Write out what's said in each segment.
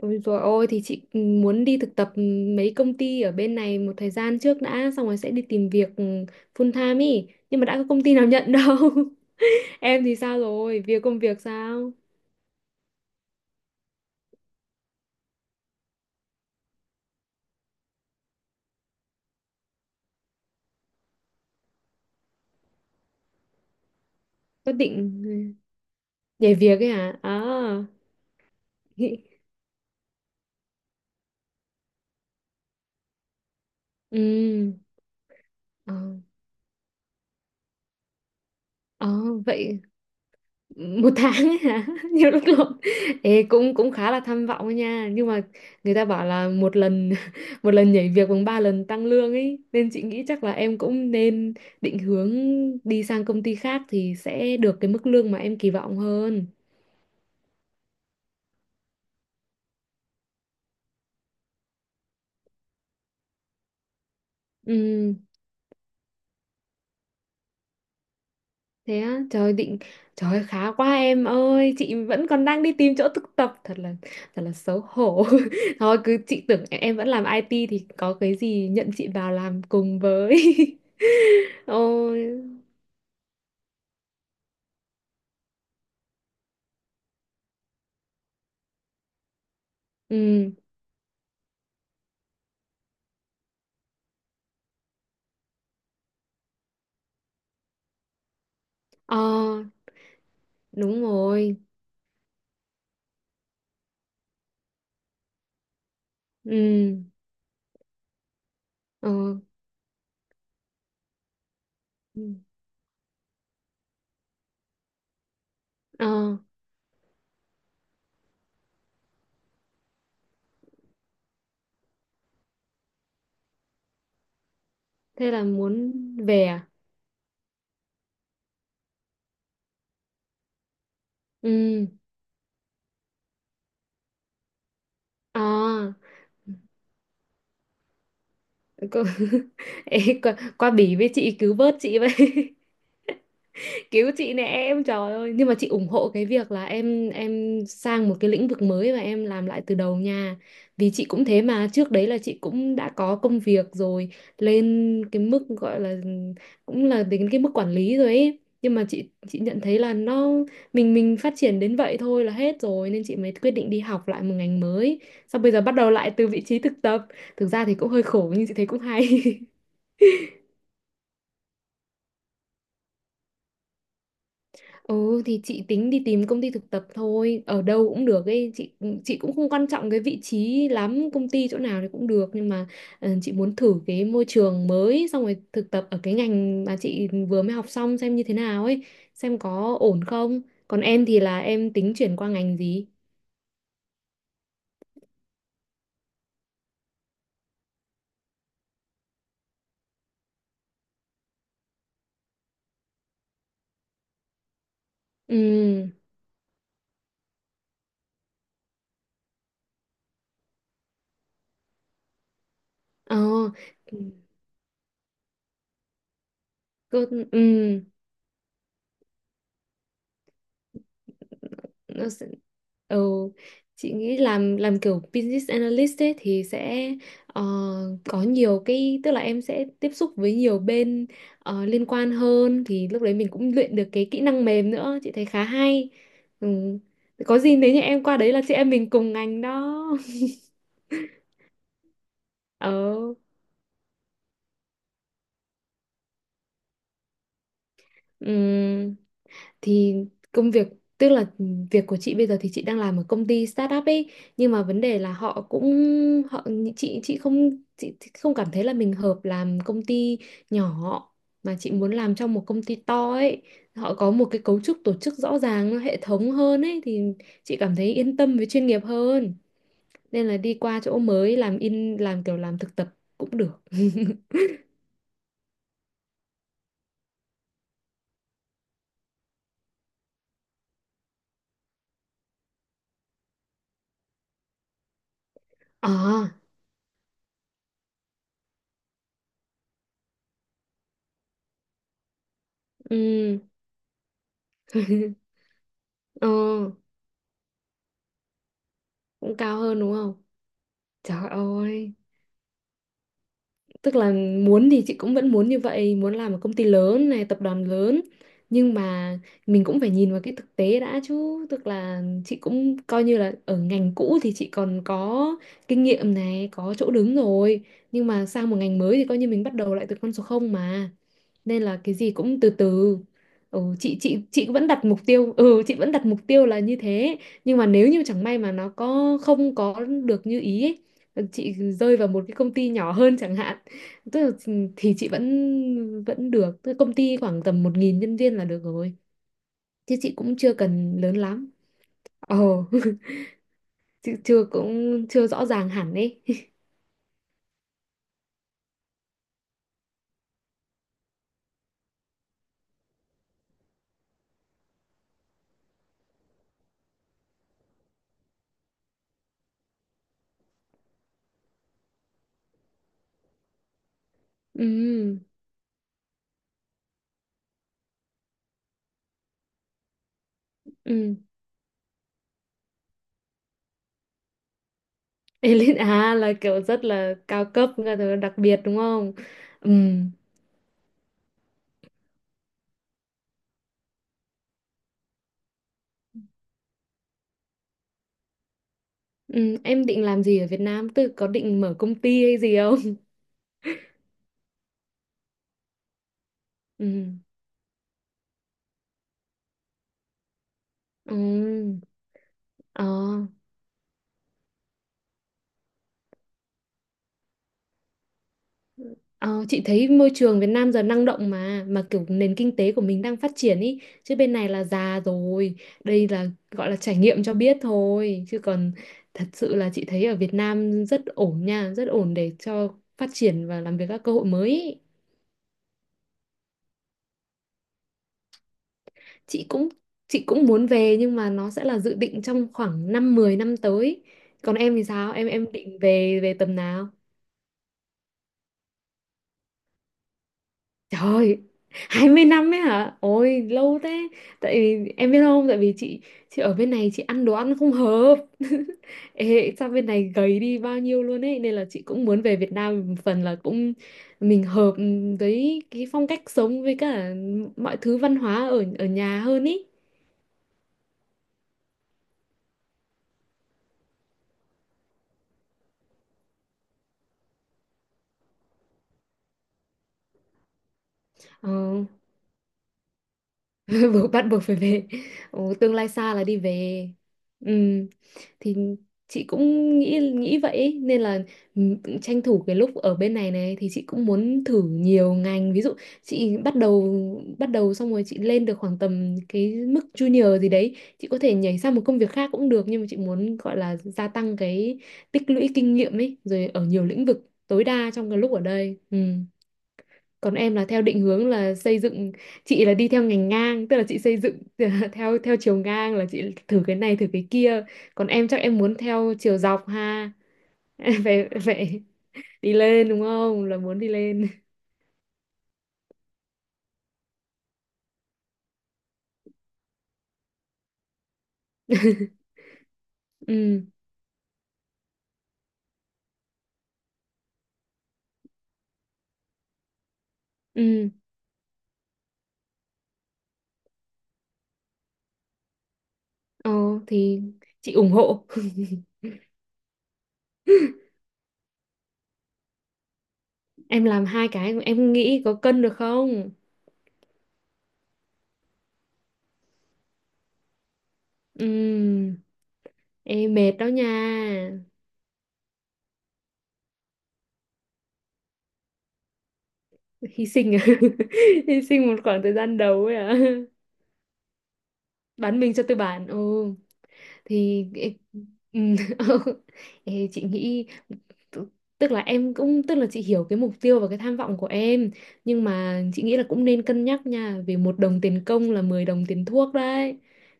Ôi dồi ôi thì chị muốn đi thực tập mấy công ty ở bên này một thời gian trước đã xong rồi sẽ đi tìm việc full time ý, nhưng mà đã có công ty nào nhận đâu. Em thì sao rồi, công việc sao? Có định nhảy việc ấy hả? À Ừ. Ờ. Ờ, vậy một tháng ấy hả? Nhiều lúc lộn. Ê, cũng cũng khá là tham vọng ấy nha, nhưng mà người ta bảo là một lần một lần nhảy việc bằng ba lần tăng lương ấy, nên chị nghĩ chắc là em cũng nên định hướng đi sang công ty khác thì sẽ được cái mức lương mà em kỳ vọng hơn. Ừ. Thế á? Trời ơi, khá quá em ơi, chị vẫn còn đang đi tìm chỗ thực tập, thật là xấu hổ. Thôi cứ, chị tưởng em vẫn làm IT thì có cái gì nhận chị vào làm cùng với. Ôi. Ừ. Ờ. Đúng rồi. Ừ. Ờ. Ừ. Ờ. Thế là muốn về à? Ừ. Ờ. Cô- Ê, qua, qua Bỉ với chị, cứu vớt chị vậy. Cứu chị nè em, trời ơi, nhưng mà chị ủng hộ cái việc là em sang một cái lĩnh vực mới và em làm lại từ đầu nha. Vì chị cũng thế mà, trước đấy là chị cũng đã có công việc rồi, lên cái mức gọi là cũng là đến cái mức quản lý rồi ấy, nhưng mà chị nhận thấy là nó, mình phát triển đến vậy thôi là hết rồi, nên chị mới quyết định đi học lại một ngành mới, xong bây giờ bắt đầu lại từ vị trí thực tập. Thực ra thì cũng hơi khổ nhưng chị thấy cũng hay. Ừ, thì chị tính đi tìm công ty thực tập thôi, ở đâu cũng được ấy, chị cũng không quan trọng cái vị trí lắm, công ty chỗ nào thì cũng được, nhưng mà chị muốn thử cái môi trường mới, xong rồi thực tập ở cái ngành mà chị vừa mới học xong xem như thế nào ấy, xem có ổn không. Còn em thì là em tính chuyển qua ngành gì? Ừ. Ờ. Ừ. Cơ- Ừ. Nó sẽ- Ừ, chị nghĩ làm kiểu business analyst ấy thì sẽ ờ, có nhiều cái, tức là em sẽ tiếp xúc với nhiều bên liên quan hơn, thì lúc đấy mình cũng luyện được cái kỹ năng mềm nữa, chị thấy khá hay. Ừ. Có gì nếu như em qua đấy là chị em mình cùng ngành đó. Ờ. Ừ. Thì công việc, tức là việc của chị bây giờ thì chị đang làm ở công ty startup ấy, nhưng mà vấn đề là họ cũng, họ, chị không cảm thấy là mình hợp làm công ty nhỏ, mà chị muốn làm trong một công ty to ấy, họ có một cái cấu trúc tổ chức rõ ràng hệ thống hơn ấy, thì chị cảm thấy yên tâm với chuyên nghiệp hơn. Nên là đi qua chỗ mới làm, in làm kiểu làm thực tập cũng được. À. Ừ. Ờ. Cũng cao hơn đúng không? Trời ơi, tức là muốn thì chị cũng vẫn muốn như vậy, muốn làm một công ty lớn này, tập đoàn lớn, nhưng mà mình cũng phải nhìn vào cái thực tế đã chứ, tức là chị cũng coi như là ở ngành cũ thì chị còn có kinh nghiệm này, có chỗ đứng rồi, nhưng mà sang một ngành mới thì coi như mình bắt đầu lại từ con số không mà. Nên là cái gì cũng từ từ. Ừ, chị vẫn đặt mục tiêu, chị vẫn đặt mục tiêu là như thế, nhưng mà nếu như chẳng may mà nó có không có được như ý ấy, chị rơi vào một cái công ty nhỏ hơn chẳng hạn, tức là ừ, thì chị vẫn vẫn được, tức là công ty khoảng tầm 1.000 nhân viên là được rồi, chứ chị cũng chưa cần lớn lắm. Ồ. Chị chưa, cũng chưa rõ ràng hẳn ấy. Ừ. Ừ. Elite à? Là kiểu rất là cao cấp, là kiểu đặc biệt đúng không? Ừ. Ừ. Em định làm gì ở Việt Nam, tức là có định mở công ty hay gì không? Ừ. Ừ. Ờ. Ờ, chị thấy môi trường Việt Nam giờ năng động mà kiểu nền kinh tế của mình đang phát triển ý, chứ bên này là già rồi. Đây là gọi là trải nghiệm cho biết thôi, chứ còn thật sự là chị thấy ở Việt Nam rất ổn nha, rất ổn để cho phát triển và làm việc, các cơ hội mới ý. Chị cũng, chị cũng muốn về nhưng mà nó sẽ là dự định trong khoảng 5 mười năm tới. Còn em thì sao, em định về về tầm nào? Trời, 20 năm ấy hả? Ôi, lâu thế. Tại vì em biết không, tại vì chị ở bên này chị ăn đồ ăn không hợp. Ê, sao bên này gầy đi bao nhiêu luôn ấy, nên là chị cũng muốn về Việt Nam, một phần là cũng mình hợp với cái phong cách sống với cả mọi thứ văn hóa ở ở nhà hơn ý. Ờ. Buộc, bắt buộc phải về. Ồ, tương lai xa là đi về. Ừ. Thì chị cũng nghĩ nghĩ vậy ấy. Nên là ừ, tranh thủ cái lúc ở bên này này thì chị cũng muốn thử nhiều ngành, ví dụ chị bắt đầu, xong rồi chị lên được khoảng tầm cái mức junior gì đấy, chị có thể nhảy sang một công việc khác cũng được, nhưng mà chị muốn gọi là gia tăng cái, tích lũy kinh nghiệm ấy rồi, ở nhiều lĩnh vực tối đa trong cái lúc ở đây. Ừ. Còn em là theo định hướng là xây dựng, chị là đi theo ngành ngang, tức là chị xây dựng theo theo chiều ngang là chị thử cái này thử cái kia. Còn em chắc em muốn theo chiều dọc ha. Phải, phải, đi lên đúng không, là muốn đi lên. Ừ. Ừ. Ờ. Thì chị ủng hộ. Em làm 2 cái em nghĩ có cân được không? Ừ, em mệt đó nha. Hy sinh à? Hy sinh một khoảng thời gian đầu ấy à? Bán mình cho tư bản. Ừ. Thì ê, ê, chị nghĩ, t- tức là em cũng, tức là chị hiểu cái mục tiêu và cái tham vọng của em, nhưng mà chị nghĩ là cũng nên cân nhắc nha, vì một đồng tiền công là 10 đồng tiền thuốc đấy,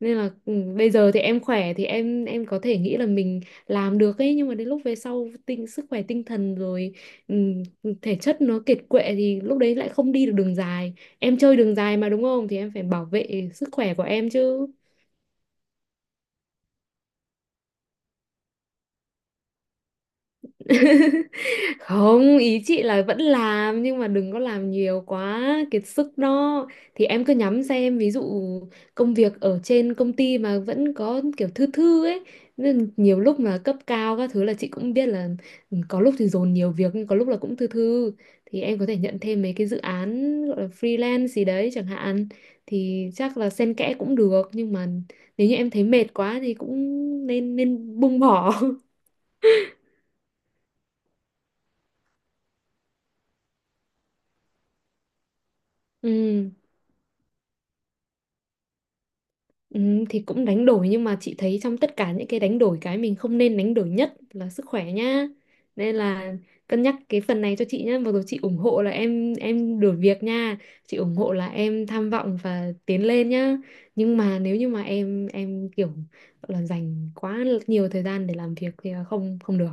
nên là ừ, bây giờ thì em khỏe thì em có thể nghĩ là mình làm được ấy, nhưng mà đến lúc về sau tinh sức khỏe, tinh thần rồi, ừm, thể chất nó kiệt quệ thì lúc đấy lại không đi được đường dài. Em chơi đường dài mà đúng không, thì em phải bảo vệ sức khỏe của em chứ. Không, ý chị là vẫn làm nhưng mà đừng có làm nhiều quá kiệt sức đó. Thì em cứ nhắm xem, ví dụ công việc ở trên công ty mà vẫn có kiểu thư thư ấy, nên nhiều lúc mà cấp cao các thứ là chị cũng biết là, ừ, có lúc thì dồn nhiều việc nhưng có lúc là cũng thư thư, thì em có thể nhận thêm mấy cái dự án gọi là freelance gì đấy chẳng hạn, thì chắc là xen kẽ cũng được, nhưng mà nếu như em thấy mệt quá thì cũng nên nên buông bỏ. Ừ. Ừ, thì cũng đánh đổi, nhưng mà chị thấy trong tất cả những cái đánh đổi, cái mình không nên đánh đổi nhất là sức khỏe nhá. Nên là cân nhắc cái phần này cho chị nhá. Mặc dù chị ủng hộ là em đổi việc nha. Chị ủng hộ là em tham vọng và tiến lên nhá. Nhưng mà nếu như mà em kiểu gọi là dành quá nhiều thời gian để làm việc thì là không không được.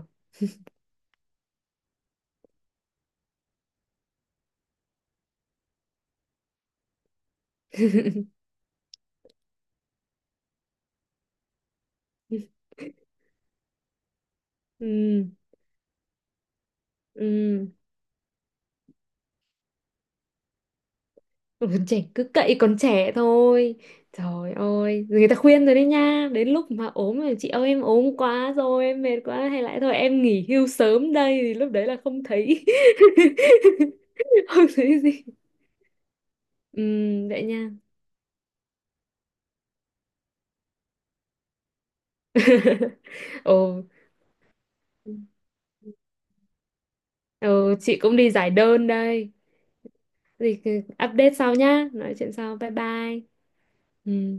Ừ. Ừ. Ừ, trẻ cứ cậy còn trẻ thôi, trời ơi người ta khuyên rồi đấy nha, đến lúc mà ốm rồi chị ơi, em ốm quá rồi em mệt quá hay lại thôi em nghỉ hưu sớm đây, thì lúc đấy là không thấy không thấy gì. Vậy nha. Ồ. Ừ, chị cũng đi giải đơn đây. Thì update sau nhá, nói chuyện sau, bye bye. Ừm.